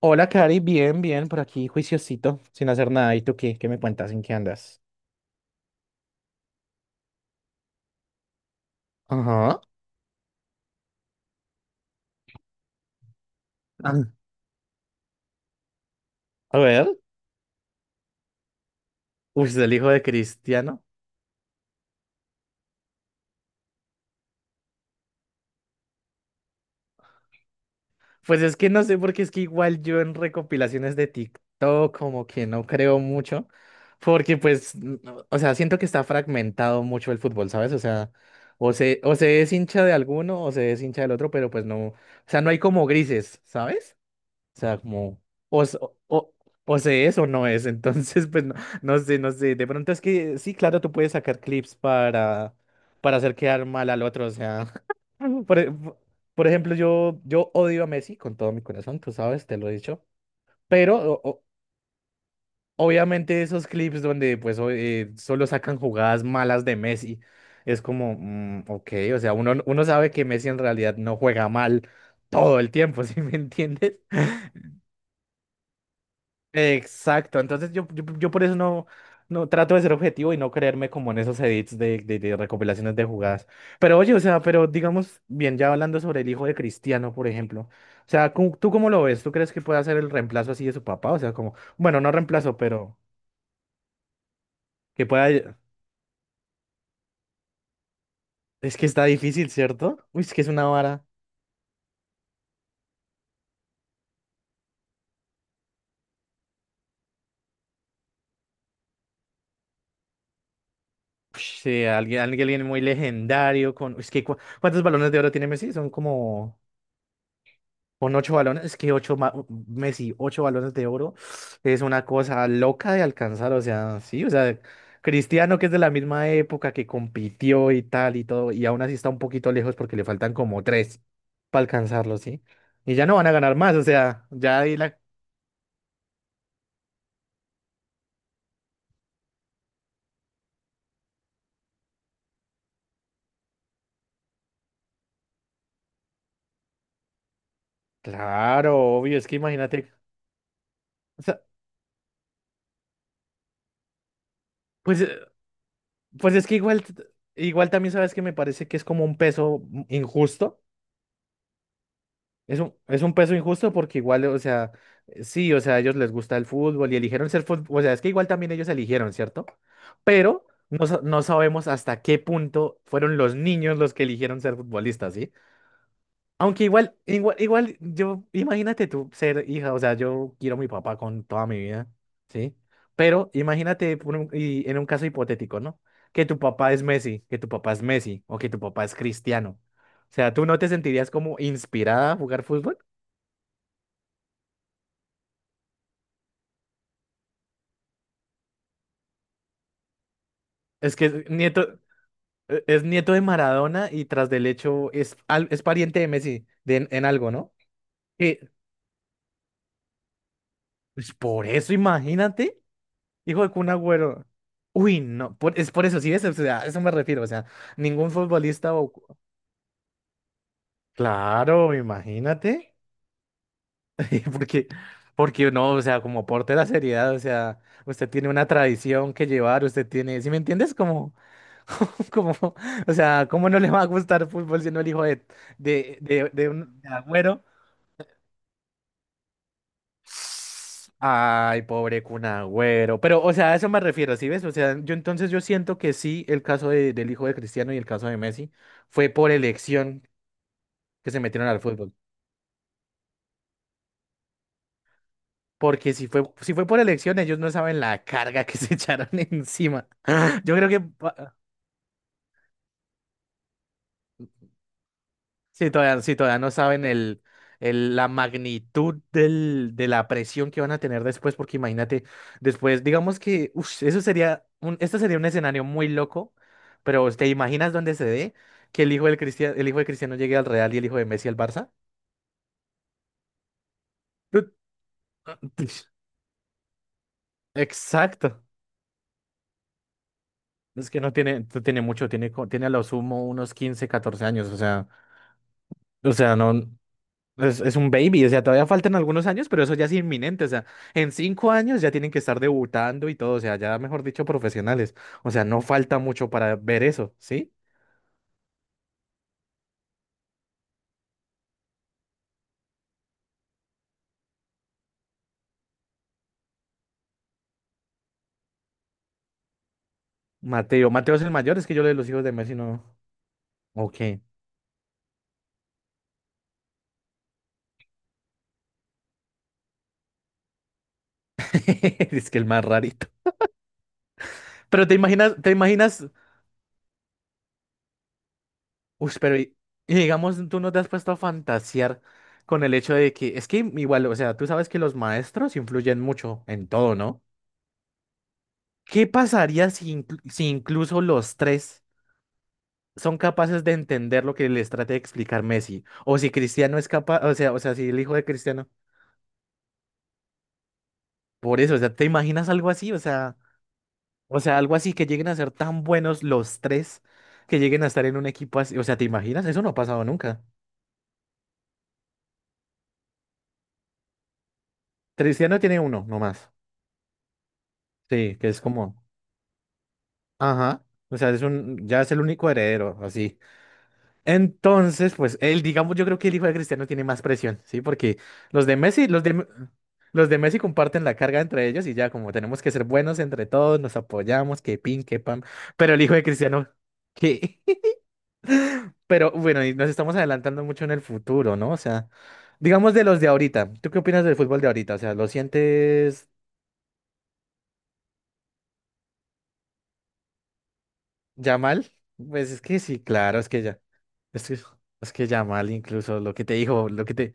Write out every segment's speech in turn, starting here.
Hola, Cari, bien, por aquí, juiciosito, sin hacer nada. ¿Y tú qué? ¿Qué me cuentas? ¿En qué andas? Ajá. Ah, a ver. Uy, es el hijo de Cristiano. Pues es que no sé, porque es que igual yo en recopilaciones de TikTok como que no creo mucho, porque pues, no, o sea, siento que está fragmentado mucho el fútbol, ¿sabes? O sea, o se es hincha de alguno o se es hincha del otro, pero pues no, o sea, no hay como grises, ¿sabes? O sea, como, o, s- o, o- o se es o no es. Entonces, pues no, no sé. De pronto es que sí, claro, tú puedes sacar clips para hacer quedar mal al otro. O sea, por, e- por ejemplo, yo odio a Messi con todo mi corazón, tú sabes, te lo he dicho. Pero obviamente esos clips donde pues solo sacan jugadas malas de Messi. Es como, mm, ok, o sea, uno sabe que Messi en realidad no juega mal todo el tiempo, ¿sí me entiendes? Exacto, entonces yo por eso no, no trato de ser objetivo y no creerme como en esos edits de recopilaciones de jugadas. Pero oye, o sea, pero digamos, bien, ya hablando sobre el hijo de Cristiano, por ejemplo, o sea, ¿tú cómo lo ves? ¿Tú crees que pueda ser el reemplazo así de su papá? O sea, como, bueno, no reemplazo, pero que pueda... Es que está difícil, ¿cierto? Uy, es que es una vara. Ush, sí, alguien muy legendario con... Es que, ¿cuántos balones de oro tiene Messi? Son como... Con 8 balones, es que 8, Messi, 8 balones de oro es una cosa loca de alcanzar, o sea, sí, o sea, Cristiano que es de la misma época que compitió y tal y todo, y aún así está un poquito lejos porque le faltan como 3 para alcanzarlo, ¿sí? Y ya no van a ganar más, o sea, ya ahí la... Claro, obvio, es que imagínate, o sea, pues, pues es que igual, igual también sabes que me parece que es como un peso injusto. Es un peso injusto porque igual, o sea, sí, o sea, a ellos les gusta el fútbol y eligieron ser fútbol, o sea, es que igual también ellos eligieron, ¿cierto? Pero no, no sabemos hasta qué punto fueron los niños los que eligieron ser futbolistas, ¿sí? Aunque igual, yo, imagínate tú ser hija, o sea, yo quiero a mi papá con toda mi vida, ¿sí? Pero imagínate y en un caso hipotético, ¿no? Que tu papá es Messi, que tu papá es Messi o que tu papá es Cristiano. O sea, ¿tú no te sentirías como inspirada a jugar fútbol? Es que es nieto, es nieto de Maradona y tras del hecho es, es pariente de Messi de, en algo, ¿no? Eh, pues por eso, imagínate, hijo de Kun Agüero. Uy, no, es por eso, sí, es, o sea, a eso me refiero, o sea, ningún futbolista o... Claro, imagínate, porque, porque no, o sea, como aporte de la seriedad, o sea, usted tiene una tradición que llevar, usted tiene, ¿sí me entiendes? Como... Como, o sea, ¿cómo no le va a gustar fútbol siendo el hijo de un de Agüero? Ay, pobre Kun Agüero. Pero, o sea, a eso me refiero, ¿sí ves? O sea, yo entonces yo siento que sí, el del hijo de Cristiano y el caso de Messi fue por elección que se metieron al fútbol. Porque si fue por elección, ellos no saben la carga que se echaron encima. Yo creo que, sí, todavía, sí, todavía no saben el, la magnitud del, de la presión que van a tener después, porque imagínate, después, digamos que, ush, eso sería un, esto sería un escenario muy loco, pero ¿te imaginas dónde se dé que el hijo del Cristiano, el hijo de Cristiano llegue al Real y el hijo de Messi al Barça? Ut, ush, exacto. Es que no tiene, no tiene mucho, tiene, tiene a lo sumo unos 15 14 años, o sea, no. Es un baby, o sea, todavía faltan algunos años, pero eso ya es inminente, o sea, en 5 años ya tienen que estar debutando y todo, o sea, ya mejor dicho, profesionales, o sea, no falta mucho para ver eso, ¿sí? Mateo, Mateo es el mayor, es que yo lo de los hijos de Messi no. Ok. Es que el más rarito. Pero te imaginas, uy, pero y digamos, tú no te has puesto a fantasear con el hecho de que, es que igual, o sea, tú sabes que los maestros influyen mucho en todo, ¿no? ¿Qué pasaría si, si incluso los 3 son capaces de entender lo que les trate de explicar Messi? O si Cristiano es capaz, o sea, si el hijo de Cristiano. Por eso, o sea, ¿te imaginas algo así? O sea, algo así que lleguen a ser tan buenos los 3 que lleguen a estar en un equipo así. O sea, ¿te imaginas? Eso no ha pasado nunca. Cristiano tiene uno nomás. Sí, que es como, ajá. O sea, es un, ya es el único heredero, así. Entonces, pues él, digamos, yo creo que el hijo de Cristiano tiene más presión, ¿sí? Porque los de Messi, los de Messi comparten la carga entre ellos y ya como tenemos que ser buenos entre todos, nos apoyamos, que pin, que pam. Pero el hijo de Cristiano, ¿qué? Pero bueno, y nos estamos adelantando mucho en el futuro, ¿no? O sea, digamos de los de ahorita. ¿Tú qué opinas del fútbol de ahorita? O sea, ¿lo sientes ya mal? Pues es que sí, claro, es que ya. Es que, es que ya mal incluso lo que te dijo, lo que te...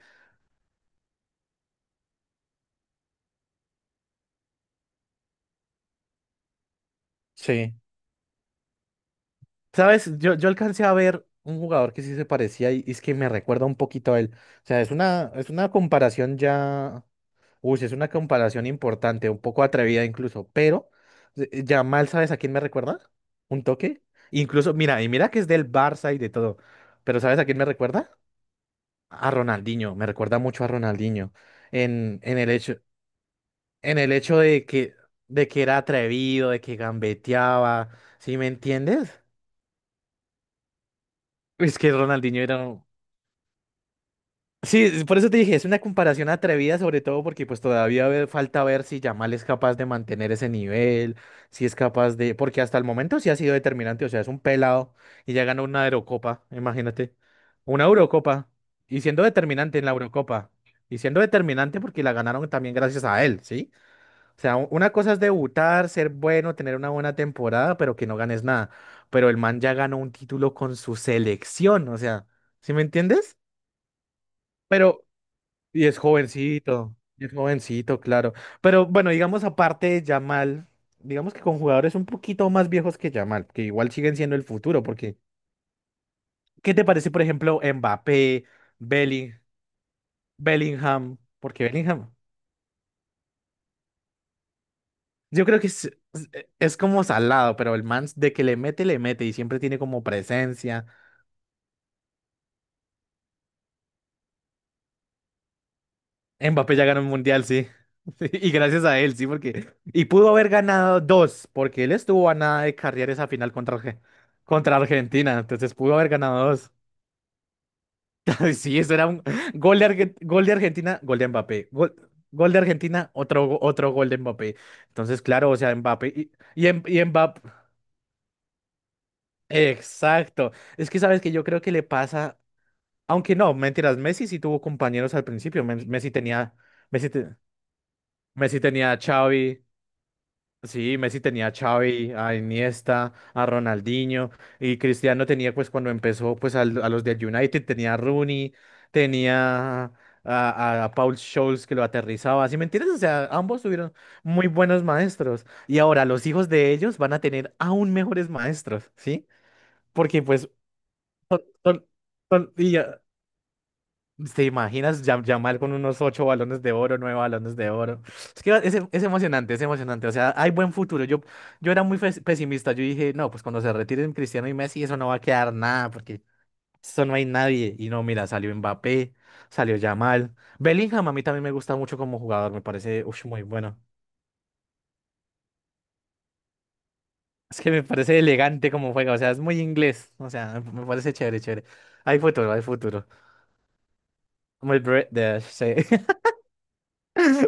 Sí. ¿Sabes? Yo alcancé a ver un jugador que sí se parecía y es que me recuerda un poquito a él. O sea, es una comparación ya. Uy, sí, es una comparación importante, un poco atrevida incluso, pero ya mal ¿sabes a quién me recuerda? ¿Un toque? Incluso, mira, y mira que es del Barça y de todo, pero ¿sabes a quién me recuerda? A Ronaldinho, me recuerda mucho a Ronaldinho en, en el hecho, en el hecho de que era atrevido, de que gambeteaba, ¿sí me entiendes? Es que Ronaldinho era sí, por eso te dije, es una comparación atrevida, sobre todo porque pues todavía falta ver si Yamal es capaz de mantener ese nivel, si es capaz de, porque hasta el momento sí ha sido determinante, o sea, es un pelado y ya ganó una Eurocopa, imagínate, una Eurocopa y siendo determinante en la Eurocopa y siendo determinante porque la ganaron también gracias a él, ¿sí? O sea, una cosa es debutar, ser bueno, tener una buena temporada, pero que no ganes nada, pero el man ya ganó un título con su selección, o sea, ¿sí me entiendes? Pero y es jovencito, claro. Pero bueno, digamos aparte de Yamal, digamos que con jugadores un poquito más viejos que Yamal, que igual siguen siendo el futuro, porque ¿qué te parece, por ejemplo, Mbappé, Belling- Bellingham? Porque Bellingham, yo creo que es, es- es como salado, pero el man de que le mete y siempre tiene como presencia. Mbappé ya ganó el mundial, sí. Y gracias a él, sí, porque. Y pudo haber ganado dos, porque él estuvo a nada de carrear esa final contra, contra Argentina. Entonces pudo haber ganado dos. Sí, eso era un gol de, gol de Argentina, gol de Mbappé. Gol, gol de Argentina, otro, otro gol de Mbappé. Entonces, claro, o sea, Mbappé. Y, y Mbappé. Exacto. Es que sabes que yo creo que le pasa. Aunque no, mentiras, Messi sí tuvo compañeros al principio. Messi tenía. Messi, Messi tenía a Xavi. Sí, Messi tenía a Xavi, a Iniesta, a Ronaldinho y Cristiano tenía pues cuando empezó pues a los del United tenía a Rooney, tenía a, a Paul Scholes que lo aterrizaba, ¿sí me entiendes? O sea, ambos tuvieron muy buenos maestros y ahora los hijos de ellos van a tener aún mejores maestros, ¿sí? Porque pues son, son- son. ¿Te imaginas Yamal con unos 8 balones de oro, 9 balones de oro? Es que es emocionante, es emocionante. O sea, hay buen futuro. Yo era muy pesimista. Yo dije, no, pues cuando se retiren Cristiano y Messi, eso no va a quedar nada, porque eso no hay nadie. Y no, mira, salió Mbappé, salió Yamal. Bellingham a mí también me gusta mucho como jugador, me parece ush, muy bueno. Es que me parece elegante como juega, o sea, es muy inglés. O sea, me parece chévere, chévere. Hay futuro, hay futuro. Muy British, sí.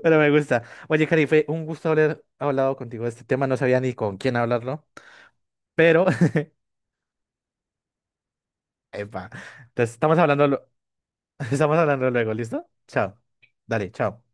Pero me gusta. Oye, Cari, fue un gusto haber hablado contigo de este tema. No sabía ni con quién hablarlo, pero... Epa. Entonces, estamos hablando, estamos hablando luego, ¿listo? Chao. Dale, chao.